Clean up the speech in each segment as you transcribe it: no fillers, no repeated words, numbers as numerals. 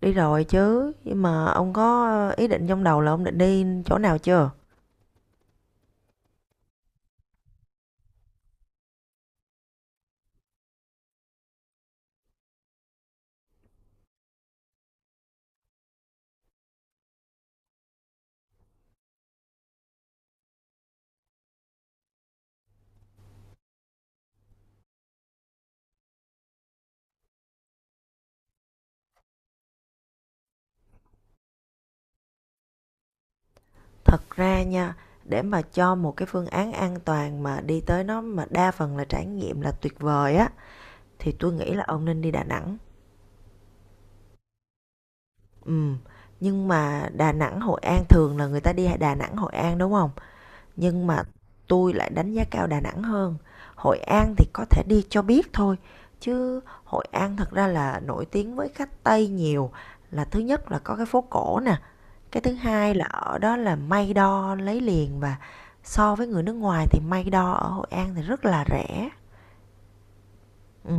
Đi rồi chứ, nhưng mà ông có ý định trong đầu là ông định đi chỗ nào chưa? Thật ra nha, để mà cho một cái phương án an toàn mà đi tới nó mà đa phần là trải nghiệm là tuyệt vời á thì tôi nghĩ là ông nên đi Đà Nẵng. Ừ, nhưng mà Đà Nẵng Hội An thường là người ta đi Đà Nẵng Hội An đúng không? Nhưng mà tôi lại đánh giá cao Đà Nẵng hơn. Hội An thì có thể đi cho biết thôi chứ Hội An thật ra là nổi tiếng với khách Tây nhiều, là thứ nhất là có cái phố cổ nè, cái thứ hai là ở đó là may đo lấy liền, và so với người nước ngoài thì may đo ở Hội An thì rất là rẻ. Ừ.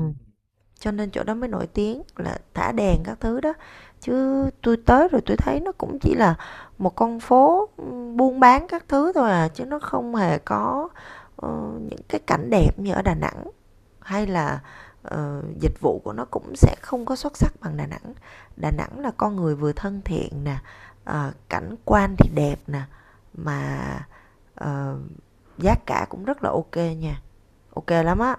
Cho nên chỗ đó mới nổi tiếng là thả đèn các thứ đó, chứ tôi tới rồi tôi thấy nó cũng chỉ là một con phố buôn bán các thứ thôi à, chứ nó không hề có ờ, những cái cảnh đẹp như ở Đà Nẵng, hay là dịch vụ của nó cũng sẽ không có xuất sắc bằng Đà Nẵng. Đà Nẵng là con người vừa thân thiện nè, cảnh quan thì đẹp nè, mà ờ, giá cả cũng rất là ok nha, ok lắm á.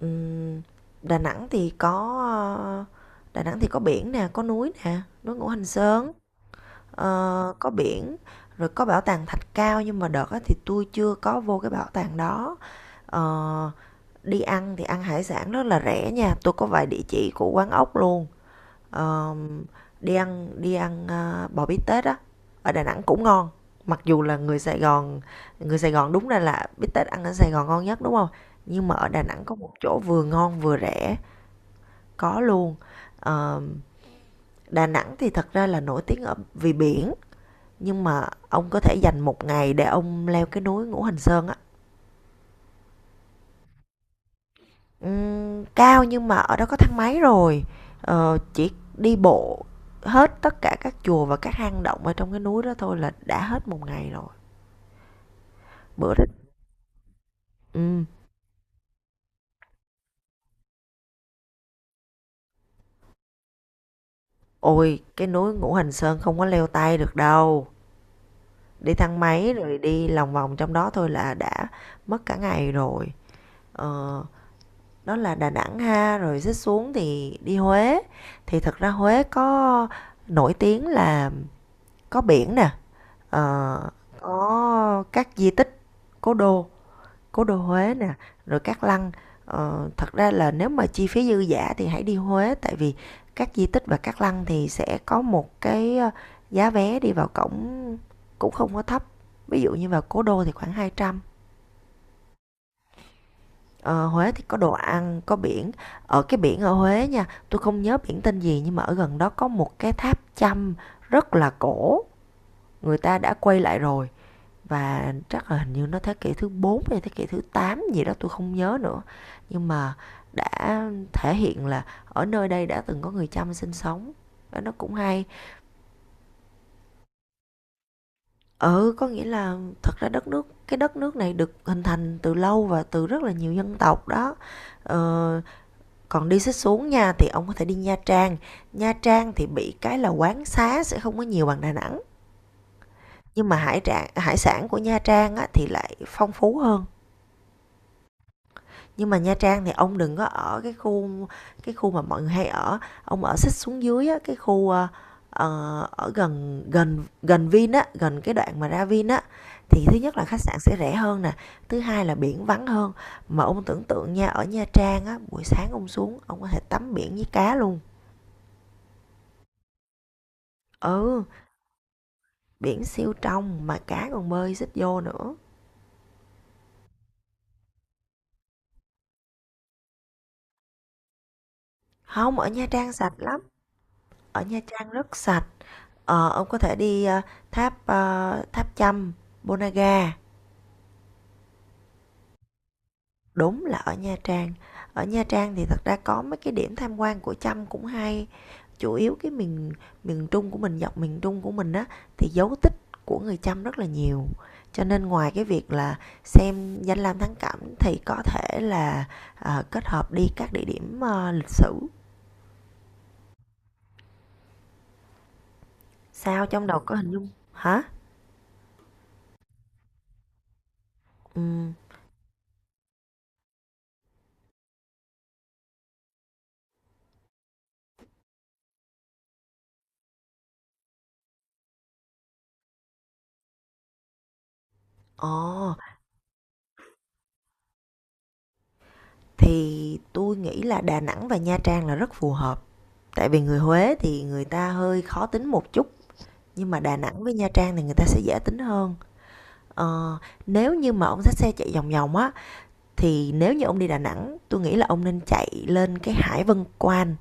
Ừm, Đà Nẵng thì có ờ, biển nè, có núi nè, núi Ngũ Hành Sơn. Có biển, rồi có bảo tàng Thạch Cao, nhưng mà đợt á thì tôi chưa có vô cái bảo tàng đó. Ờ, Đi ăn thì ăn hải sản rất là rẻ nha, tôi có vài địa chỉ của quán ốc luôn. Ờ, đi ăn bò bít tết á, ở Đà Nẵng cũng ngon, mặc dù là người Sài Gòn, người Sài Gòn đúng ra là bít tết ăn ở Sài Gòn ngon nhất đúng không, nhưng mà ở Đà Nẵng có một chỗ vừa ngon vừa rẻ, có luôn. Ờ, Đà Nẵng thì thật ra là nổi tiếng ở vì biển, nhưng mà ông có thể dành một ngày để ông leo cái núi Ngũ Hành Sơn á. Cao, nhưng mà ở đó có thang máy rồi. Chỉ đi bộ hết tất cả các chùa và các hang động ở trong cái núi đó thôi là đã hết một ngày rồi, bữa đó. Ừm, Ôi, cái núi Ngũ Hành Sơn không có leo tay được đâu, đi thang máy rồi đi lòng vòng trong đó thôi là đã mất cả ngày rồi. Ờ, Đó là Đà Nẵng ha, rồi xích xuống thì đi Huế, thì thật ra Huế có nổi tiếng là có biển nè, ờ, có các di tích, cố đô, cố đô Huế nè, rồi các lăng. Thật ra là nếu mà chi phí dư giả thì hãy đi Huế, tại vì các di tích và các lăng thì sẽ có một cái giá vé đi vào cổng cũng không có thấp, ví dụ như vào cố đô thì khoảng 200. Ờ, Huế thì có đồ ăn, có biển. Ở cái biển ở Huế nha, tôi không nhớ biển tên gì, nhưng mà ở gần đó có một cái tháp chăm rất là cổ. Người ta đã quay lại rồi, và chắc là hình như nó thế kỷ thứ 4 hay thế kỷ thứ 8 gì đó, tôi không nhớ nữa. Nhưng mà đã thể hiện là ở nơi đây đã từng có người chăm sinh sống. Đó, nó cũng hay. Ừ, có nghĩa là thật ra đất nước, cái đất nước này được hình thành từ lâu và từ rất là nhiều dân tộc đó. Ờ, Còn đi xích xuống nha thì ông có thể đi Nha Trang. Nha Trang thì bị cái là quán xá sẽ không có nhiều bằng Đà Nẵng, nhưng mà hải trạng hải sản của Nha Trang á, thì lại phong phú hơn. Nhưng mà Nha Trang thì ông đừng có ở cái khu mà mọi người hay ở, ông ở xích xuống dưới á, cái khu ở gần gần gần Vin á, gần cái đoạn mà ra Vin á, thì thứ nhất là khách sạn sẽ rẻ hơn nè, thứ hai là biển vắng hơn, mà ông tưởng tượng nha, ở Nha Trang á buổi sáng ông xuống ông có thể tắm biển với cá luôn. Ừ, biển siêu trong mà cá còn bơi xích vô nữa. Không, ở Nha Trang sạch lắm, ở Nha Trang rất sạch. Ông có thể đi tháp tháp Chăm Bonaga. Đúng, là ở Nha Trang. Ở Nha Trang thì thật ra có mấy cái điểm tham quan của Chăm cũng hay. Chủ yếu cái miền miền Trung của mình, dọc miền Trung của mình á, thì dấu tích của người Chăm rất là nhiều, cho nên ngoài cái việc là xem danh lam thắng cảnh thì có thể là kết hợp đi các địa điểm lịch sử. Sao trong đầu có hình dung hả? Ừm, ồ, thì tôi nghĩ là Đà Nẵng và Nha Trang là rất phù hợp. Tại vì người Huế thì người ta hơi khó tính một chút, nhưng mà Đà Nẵng với Nha Trang thì người ta sẽ dễ tính hơn. Ờ, Nếu như mà ông xách xe chạy vòng vòng á, thì nếu như ông đi Đà Nẵng, tôi nghĩ là ông nên chạy lên cái Hải Vân Quan.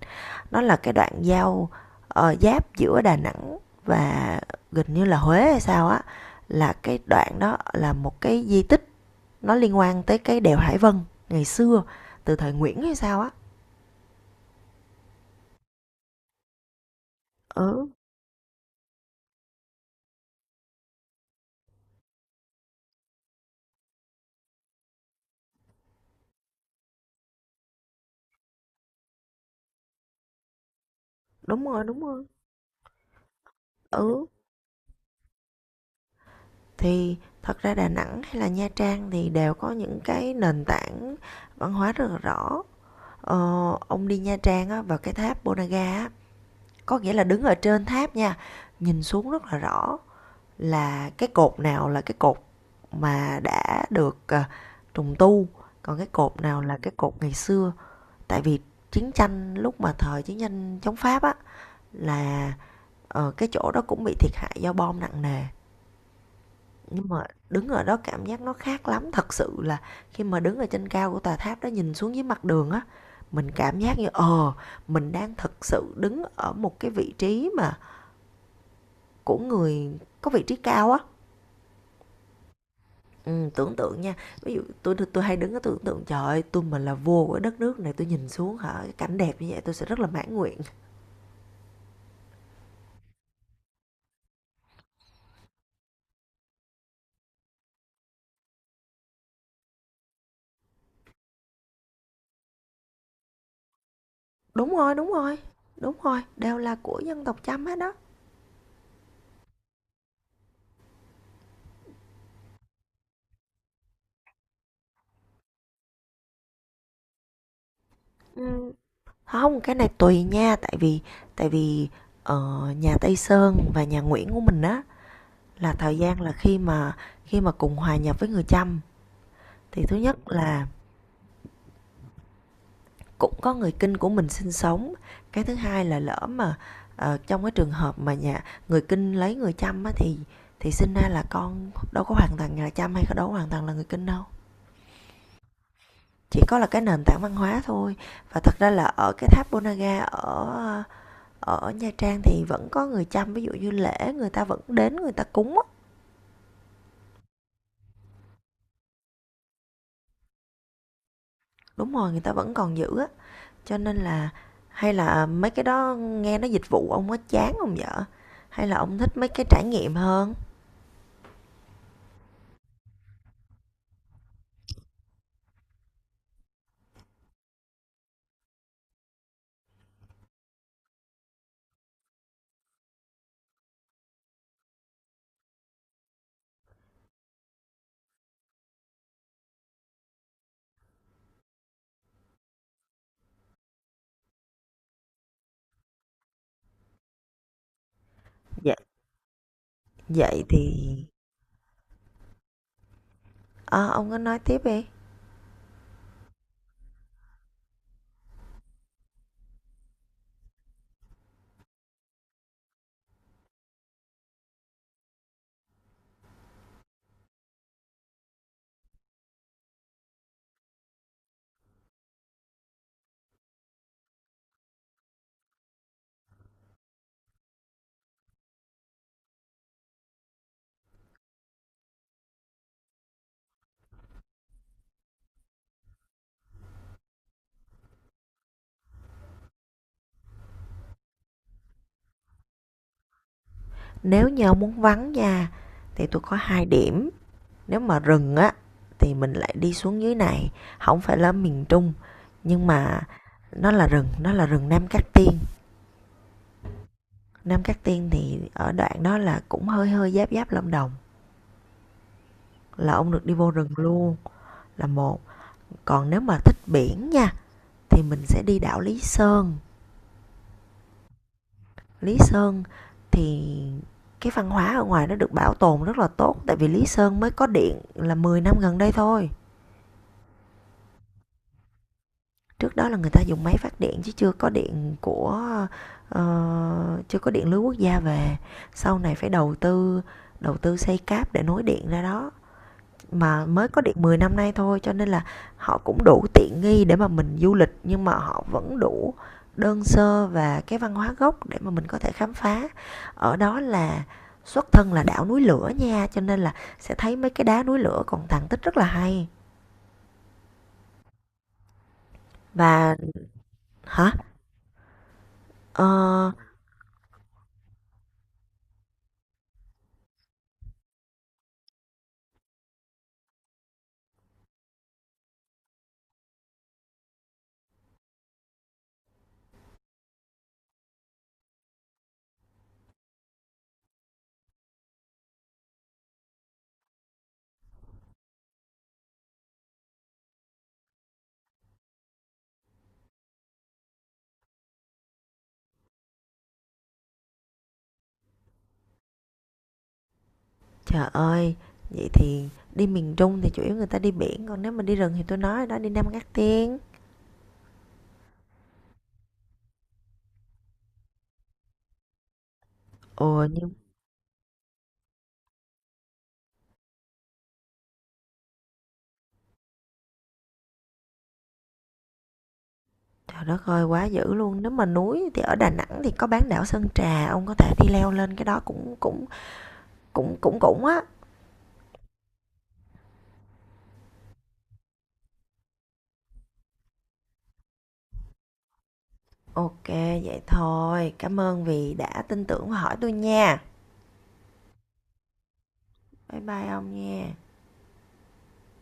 Nó là cái đoạn giao giáp giữa Đà Nẵng và gần như là Huế hay sao á. Là cái đoạn đó là một cái di tích, nó liên quan tới cái đèo Hải Vân ngày xưa, từ thời Nguyễn hay sao á. Ừ, đúng rồi. Ừ, thì thật ra Đà Nẵng hay là Nha Trang thì đều có những cái nền tảng văn hóa rất là rõ. ờ, ông đi Nha Trang á, vào cái tháp Bonaga á, có nghĩa là đứng ở trên tháp nha, nhìn xuống rất là rõ là cái cột nào là cái cột mà đã được, à, trùng tu, còn cái cột nào là cái cột ngày xưa. Tại vì chiến tranh, lúc mà thời chiến tranh chống Pháp á, là cái chỗ đó cũng bị thiệt hại do bom nặng nề. Nhưng mà đứng ở đó cảm giác nó khác lắm, thật sự là khi mà đứng ở trên cao của tòa tháp đó nhìn xuống dưới mặt đường á, mình cảm giác như ờ mình đang thực sự đứng ở một cái vị trí mà của người có vị trí cao á. Ừ, tưởng tượng nha, ví dụ tôi hay đứng ở, tưởng tượng trời ơi, tôi mà là vua của đất nước này, tôi nhìn xuống hả, cái cảnh đẹp như vậy tôi sẽ rất là mãn nguyện. đúng rồi đúng rồi Đúng rồi, đều là của dân tộc chăm hết đó. Ừ. Không, cái này tùy nha, tại vì tại vì ở nhà Tây Sơn và nhà Nguyễn của mình á là thời gian là khi mà cùng hòa nhập với người Chăm, thì thứ nhất là cũng có người Kinh của mình sinh sống, cái thứ hai là lỡ mà trong cái trường hợp mà nhà người Kinh lấy người Chăm á thì sinh ra là con đâu có hoàn toàn là Chăm hay đâu có hoàn toàn là người Kinh đâu. Chỉ có là cái nền tảng văn hóa thôi. Và thật ra là ở cái tháp Ponagar ở ở Nha Trang thì vẫn có người chăm, ví dụ như lễ người ta vẫn đến người ta cúng á. Đúng rồi, người ta vẫn còn giữ á, cho nên là hay là mấy cái đó nghe nó dịch vụ ông có chán không vợ, hay là ông thích mấy cái trải nghiệm hơn? Vậy Vậy thì ờ, ông có nói tiếp đi. Nếu như ông muốn vắng nha, thì tôi có hai điểm. Nếu mà rừng á, thì mình lại đi xuống dưới này, không phải là miền Trung, nhưng mà nó là rừng, nó là rừng Nam Cát Tiên. Nam Cát Tiên thì ở đoạn đó là cũng hơi hơi giáp giáp Lâm Đồng, là ông được đi vô rừng luôn, là một. Còn nếu mà thích biển nha, thì mình sẽ đi đảo Lý Sơn. Lý Sơn thì cái văn hóa ở ngoài nó được bảo tồn rất là tốt, tại vì Lý Sơn mới có điện là 10 năm gần đây thôi. Trước đó là người ta dùng máy phát điện, chứ chưa có điện của chưa có điện lưới quốc gia về. Sau này phải đầu tư, xây cáp để nối điện ra đó, mà mới có được 10 năm nay thôi, cho nên là họ cũng đủ tiện nghi để mà mình du lịch, nhưng mà họ vẫn đủ đơn sơ và cái văn hóa gốc để mà mình có thể khám phá. Ở đó là xuất thân là đảo núi lửa nha, cho nên là sẽ thấy mấy cái đá núi lửa còn tàn tích rất là hay. Và hả? ờ Trời ơi, vậy thì đi miền Trung thì chủ yếu người ta đi biển, còn nếu mà đi rừng thì tôi nói đó, đi Nam Cát Tiên. Ồ, nhưng Trời đất ơi, quá dữ luôn. Nếu mà núi thì ở Đà Nẵng thì có bán đảo Sơn Trà, ông có thể đi leo lên cái đó cũng cũng cũng cũng cũng á. Ok, vậy thôi. Cảm ơn vì đã tin tưởng và hỏi tôi nha. Bye bye ông nha.